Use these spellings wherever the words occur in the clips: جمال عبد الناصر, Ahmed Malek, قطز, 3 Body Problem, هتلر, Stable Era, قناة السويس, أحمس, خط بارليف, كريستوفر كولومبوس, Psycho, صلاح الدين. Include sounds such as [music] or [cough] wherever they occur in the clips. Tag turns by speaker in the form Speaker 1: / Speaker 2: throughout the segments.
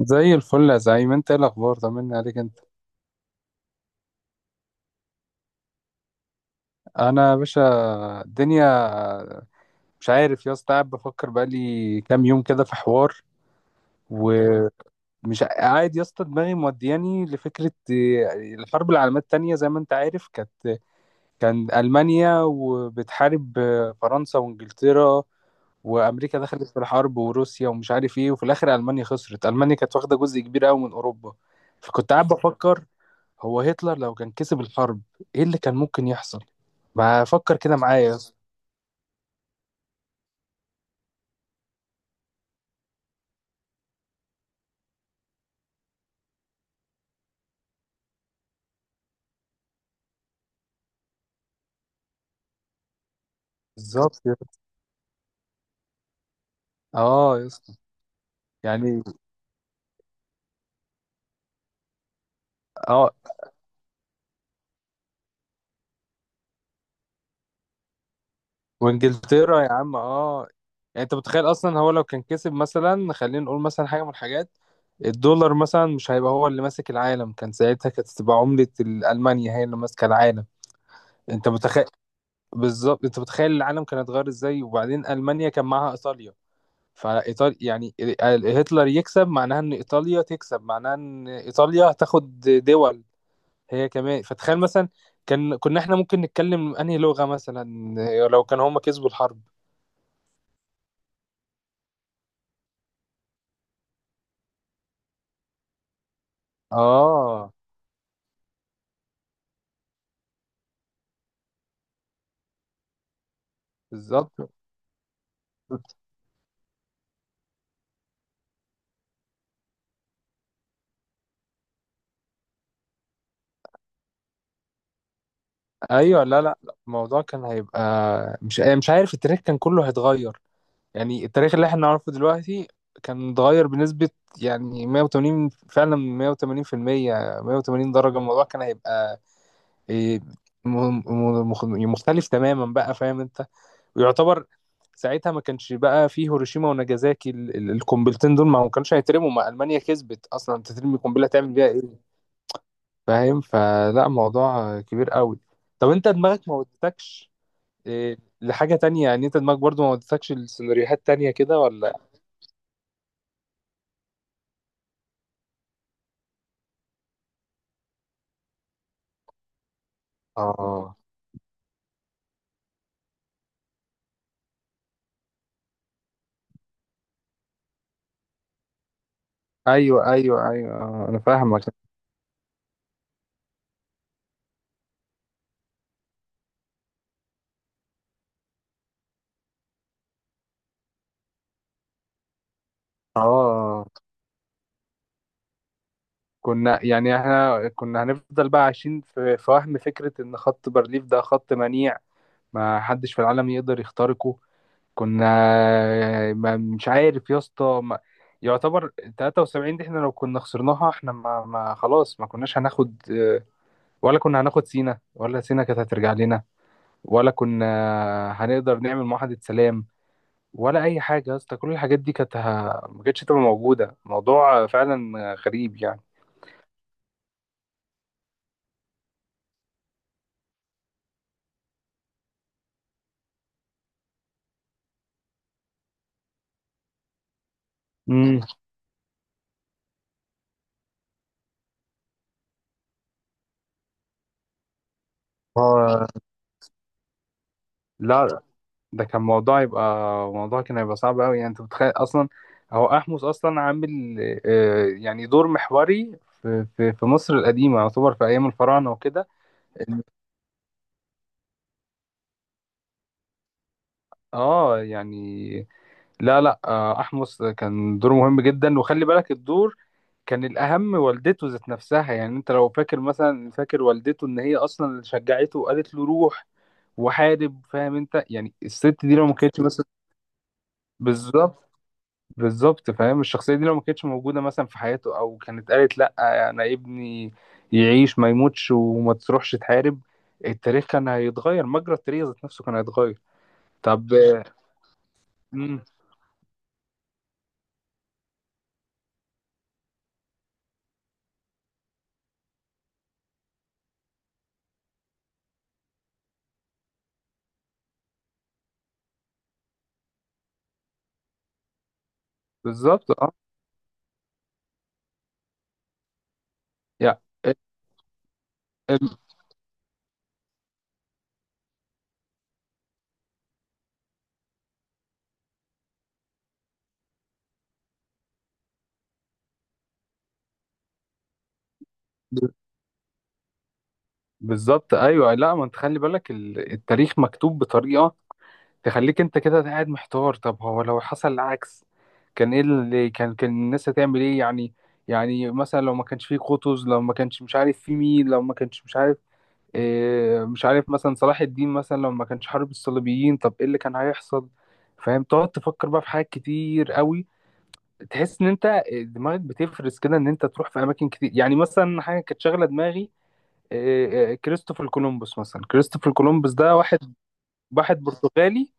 Speaker 1: زي الفل يا زعيم. انت ايه الاخبار؟ طمني عليك انت. انا يا باشا الدنيا مش عارف يا اسطى، قاعد بفكر بقالي كام يوم كده في حوار. مم. ومش قاعد يا اسطى، دماغي مودياني لفكره. اه، الحرب العالميه التانيه زي ما انت عارف كان المانيا وبتحارب فرنسا وانجلترا، وامريكا دخلت في الحرب وروسيا، ومش عارف ايه، وفي الاخر المانيا خسرت. المانيا كانت واخده جزء كبير قوي من اوروبا. فكنت قاعد بفكر، هو هتلر لو كان كسب الحرب ايه اللي كان ممكن يحصل؟ ما فكر كده معايا يا اسطى. بالظبط يا اسطى. اه يا اسطى. يعني اه، وانجلترا يا عم اه. يعني انت متخيل اصلا هو لو كان كسب؟ مثلا خلينا نقول مثلا حاجه من الحاجات. الدولار مثلا مش هيبقى هو اللي ماسك العالم، كان ساعتها كانت تبقى عملة ألمانيا هي اللي ماسكة العالم. انت متخيل. بالظبط، انت متخيل العالم كان اتغير ازاي؟ وبعدين المانيا كان معاها ايطاليا. فايطاليا يعني، هتلر يكسب معناها ان ايطاليا تكسب، معناها ان ايطاليا هتاخد دول هي كمان. فتخيل مثلا كنا احنا ممكن نتكلم انهي لغة مثلا لو كان هما كسبوا الحرب. اه. بالظبط ايوه. لا لا لا، الموضوع كان هيبقى مش عارف. التاريخ كان كله هيتغير، يعني التاريخ اللي احنا نعرفه دلوقتي كان اتغير بنسبة، يعني 180، فعلا 180%، 180 درجة. الموضوع كان هيبقى، إيه، م- مختلف تماما بقى، فاهم انت؟ ويعتبر ساعتها ما كانش بقى فيه هيروشيما وناجازاكي، القنبلتين دول ما كانوش هيترموا، ما ألمانيا كسبت أصلا، انت ترمي قنبلة تعمل بيها ايه؟ فاهم؟ فلا موضوع كبير قوي. طب انت دماغك ما ودتكش، لحاجة تانية؟ يعني انت دماغك برضو ما ودتكش لسيناريوهات تانية كده ولا؟ اه، ايوه ايوه ايوه، انا فاهمك. اه، كنا يعني احنا كنا هنفضل بقى عايشين في وهم فكرة ان خط بارليف ده خط منيع، ما حدش في العالم يقدر يخترقه. كنا، ما مش عارف يا اسطى، يعتبر 73 دي، احنا لو كنا خسرناها احنا ما خلاص ما كناش هناخد، ولا كنا هناخد سينا، ولا سينا كانت هترجع لنا، ولا كنا هنقدر نعمل معاهدة سلام، ولا اي حاجه يا اسطى. كل الحاجات دي كانت، ما كانتش تبقى موجوده. موضوع فعلا غريب يعني. امم. هو لا، ده كان موضوع يبقى، موضوع كان هيبقى صعب قوي. يعني انت متخيل اصلا، هو احمس اصلا عامل، يعني دور محوري في مصر القديمه، يعتبر في ايام الفراعنه وكده. اه يعني، لا لا أحمس كان دوره مهم جدا. وخلي بالك الدور كان الأهم، والدته ذات نفسها، يعني أنت لو فاكر مثلا، فاكر والدته إن هي أصلا اللي شجعته وقالت له روح وحارب. فاهم أنت؟ يعني الست دي لو ما كانتش مثلا. بالظبط. بالظبط فاهم، الشخصية دي لو ما كانتش موجودة مثلا في حياته، أو كانت قالت لأ، أنا ابني يعيش ما يموتش وما تروحش تحارب، التاريخ كان هيتغير. مجرى التاريخ ذات نفسه كان هيتغير. طب آه. مم. بالظبط أه. يعني. بالظبط ايوه، لا، ما انت خلي بالك، التاريخ مكتوب بطريقه تخليك انت كده قاعد محتار. طب هو لو حصل العكس كان ايه اللي كان كان الناس هتعمل ايه يعني؟ يعني مثلا لو ما كانش فيه قطز، لو ما كانش مش عارف في مين، لو ما كانش مش عارف، مش عارف مثلا صلاح الدين مثلا، لو ما كانش حارب الصليبيين طب ايه اللي كان هيحصل؟ فاهم؟ تقعد تفكر بقى في حاجات كتير قوي. تحس ان انت دماغك بتفرز كده، ان انت تروح في اماكن كتير. يعني مثلا حاجه كانت شاغله دماغي، كريستوفر كولومبوس مثلا. كريستوفر كولومبوس ده واحد، واحد برتغالي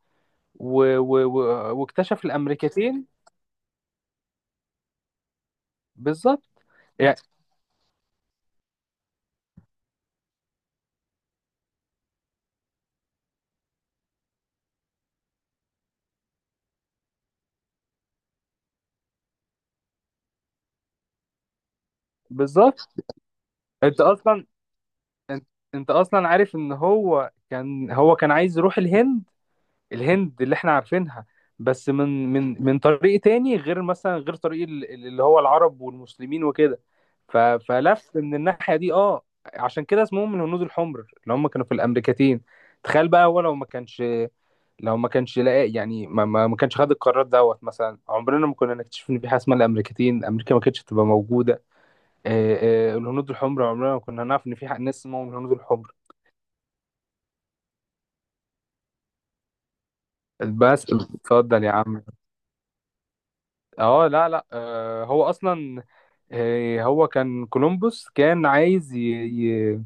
Speaker 1: و... و... و... واكتشف الامريكتين. بالظبط يعني، بالظبط انت اصلا انت انت اصلا عارف ان هو كان عايز يروح الهند. الهند اللي احنا عارفينها، بس من طريق تاني، غير مثلا غير طريق، اللي هو العرب والمسلمين وكده. فلف من الناحية دي اه. عشان كده اسمهم الهنود الحمر، اللي هم كانوا في الامريكتين. تخيل بقى، هو لو ما كانش، لو ما كانش لاقي يعني، ما كانش خد القرار دوت مثلا، عمرنا ما كنا نكتشف ان في حاجه اسمها الامريكتين، امريكا ما كانتش تبقى موجوده. الهنود الحمر عمرنا ما كنا نعرف ان في حق ناس اسمهم الهنود الحمر. بس اتفضل يا عم. اه لا لا، هو اصلا، هو كان كولومبوس كان عايز،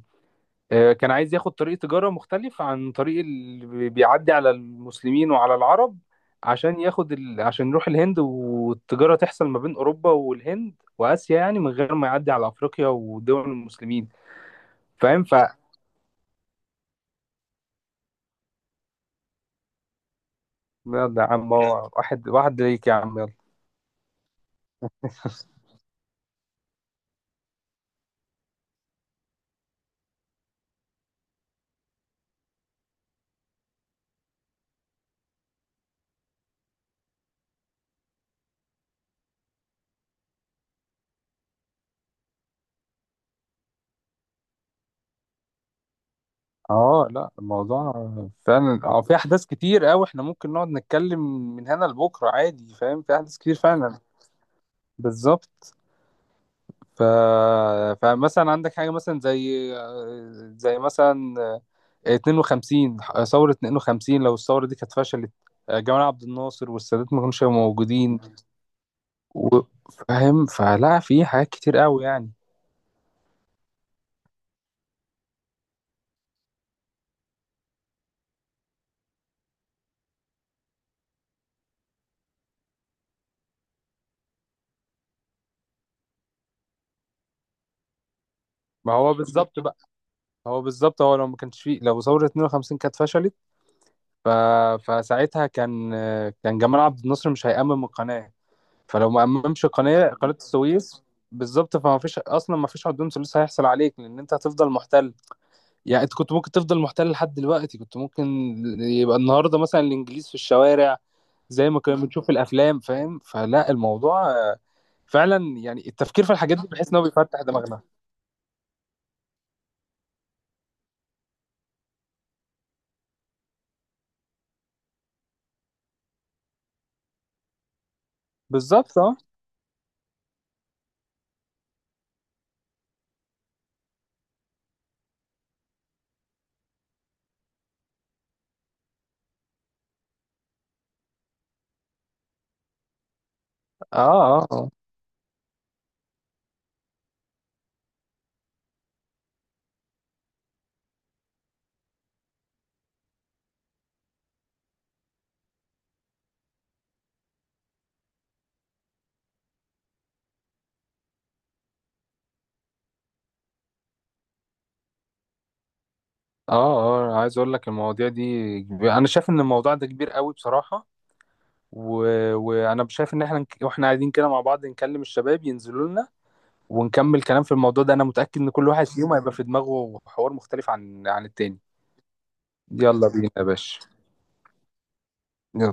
Speaker 1: كان عايز ياخد طريق تجارة مختلف عن طريق اللي، بيعدي على المسلمين وعلى العرب، عشان ياخد، عشان يروح الهند. والتجارة تحصل ما بين أوروبا والهند وآسيا، يعني من غير ما يعدي على أفريقيا ودول المسلمين. فاهم؟ يلا يا عم، هو واحد واحد ليك يا عم، يلا. [laughs] اه لا، الموضوع فعلا، اه في احداث كتير قوي احنا ممكن نقعد نتكلم من هنا لبكره عادي. فاهم؟ في احداث كتير فعلا. بالظبط. ف... فمثلا عندك حاجة مثلا زي مثلا 52، ثورة 52 لو الثورة دي كانت فشلت، جمال عبد الناصر والسادات ما كانوش هيبقوا موجودين. و- فاهم؟ فلا في حاجات كتير قوي يعني. ما هو بالظبط بقى. هو بالظبط هو لو ما كانش فيه، لو ثورة 52 كانت فشلت، ف... فساعتها كان جمال عبد الناصر مش هيأمم القناة. فلو ما أممش القناة، قناة السويس، بالظبط، فما فيش اصلا، ما فيش عدوان ثلث هيحصل عليك، لان انت هتفضل محتل. يعني انت كنت ممكن تفضل محتل لحد دلوقتي. كنت ممكن يبقى النهارده مثلا الانجليز في الشوارع، زي ما كنا بنشوف في الافلام. فاهم؟ فلا الموضوع، فعلا، يعني التفكير في الحاجات دي بحيث ان هو بيفتح دماغنا. بالظبط، اه اه اه اه اه، عايز اقول لك المواضيع دي. انا شايف ان الموضوع ده كبير قوي بصراحة. و... وانا شايف ان احنا، واحنا قاعدين كده مع بعض نكلم الشباب ينزلوا لنا، ونكمل كلام في الموضوع ده. انا متأكد ان كل واحد فيهم هيبقى في دماغه حوار مختلف عن التاني. يلا بينا يا باشا.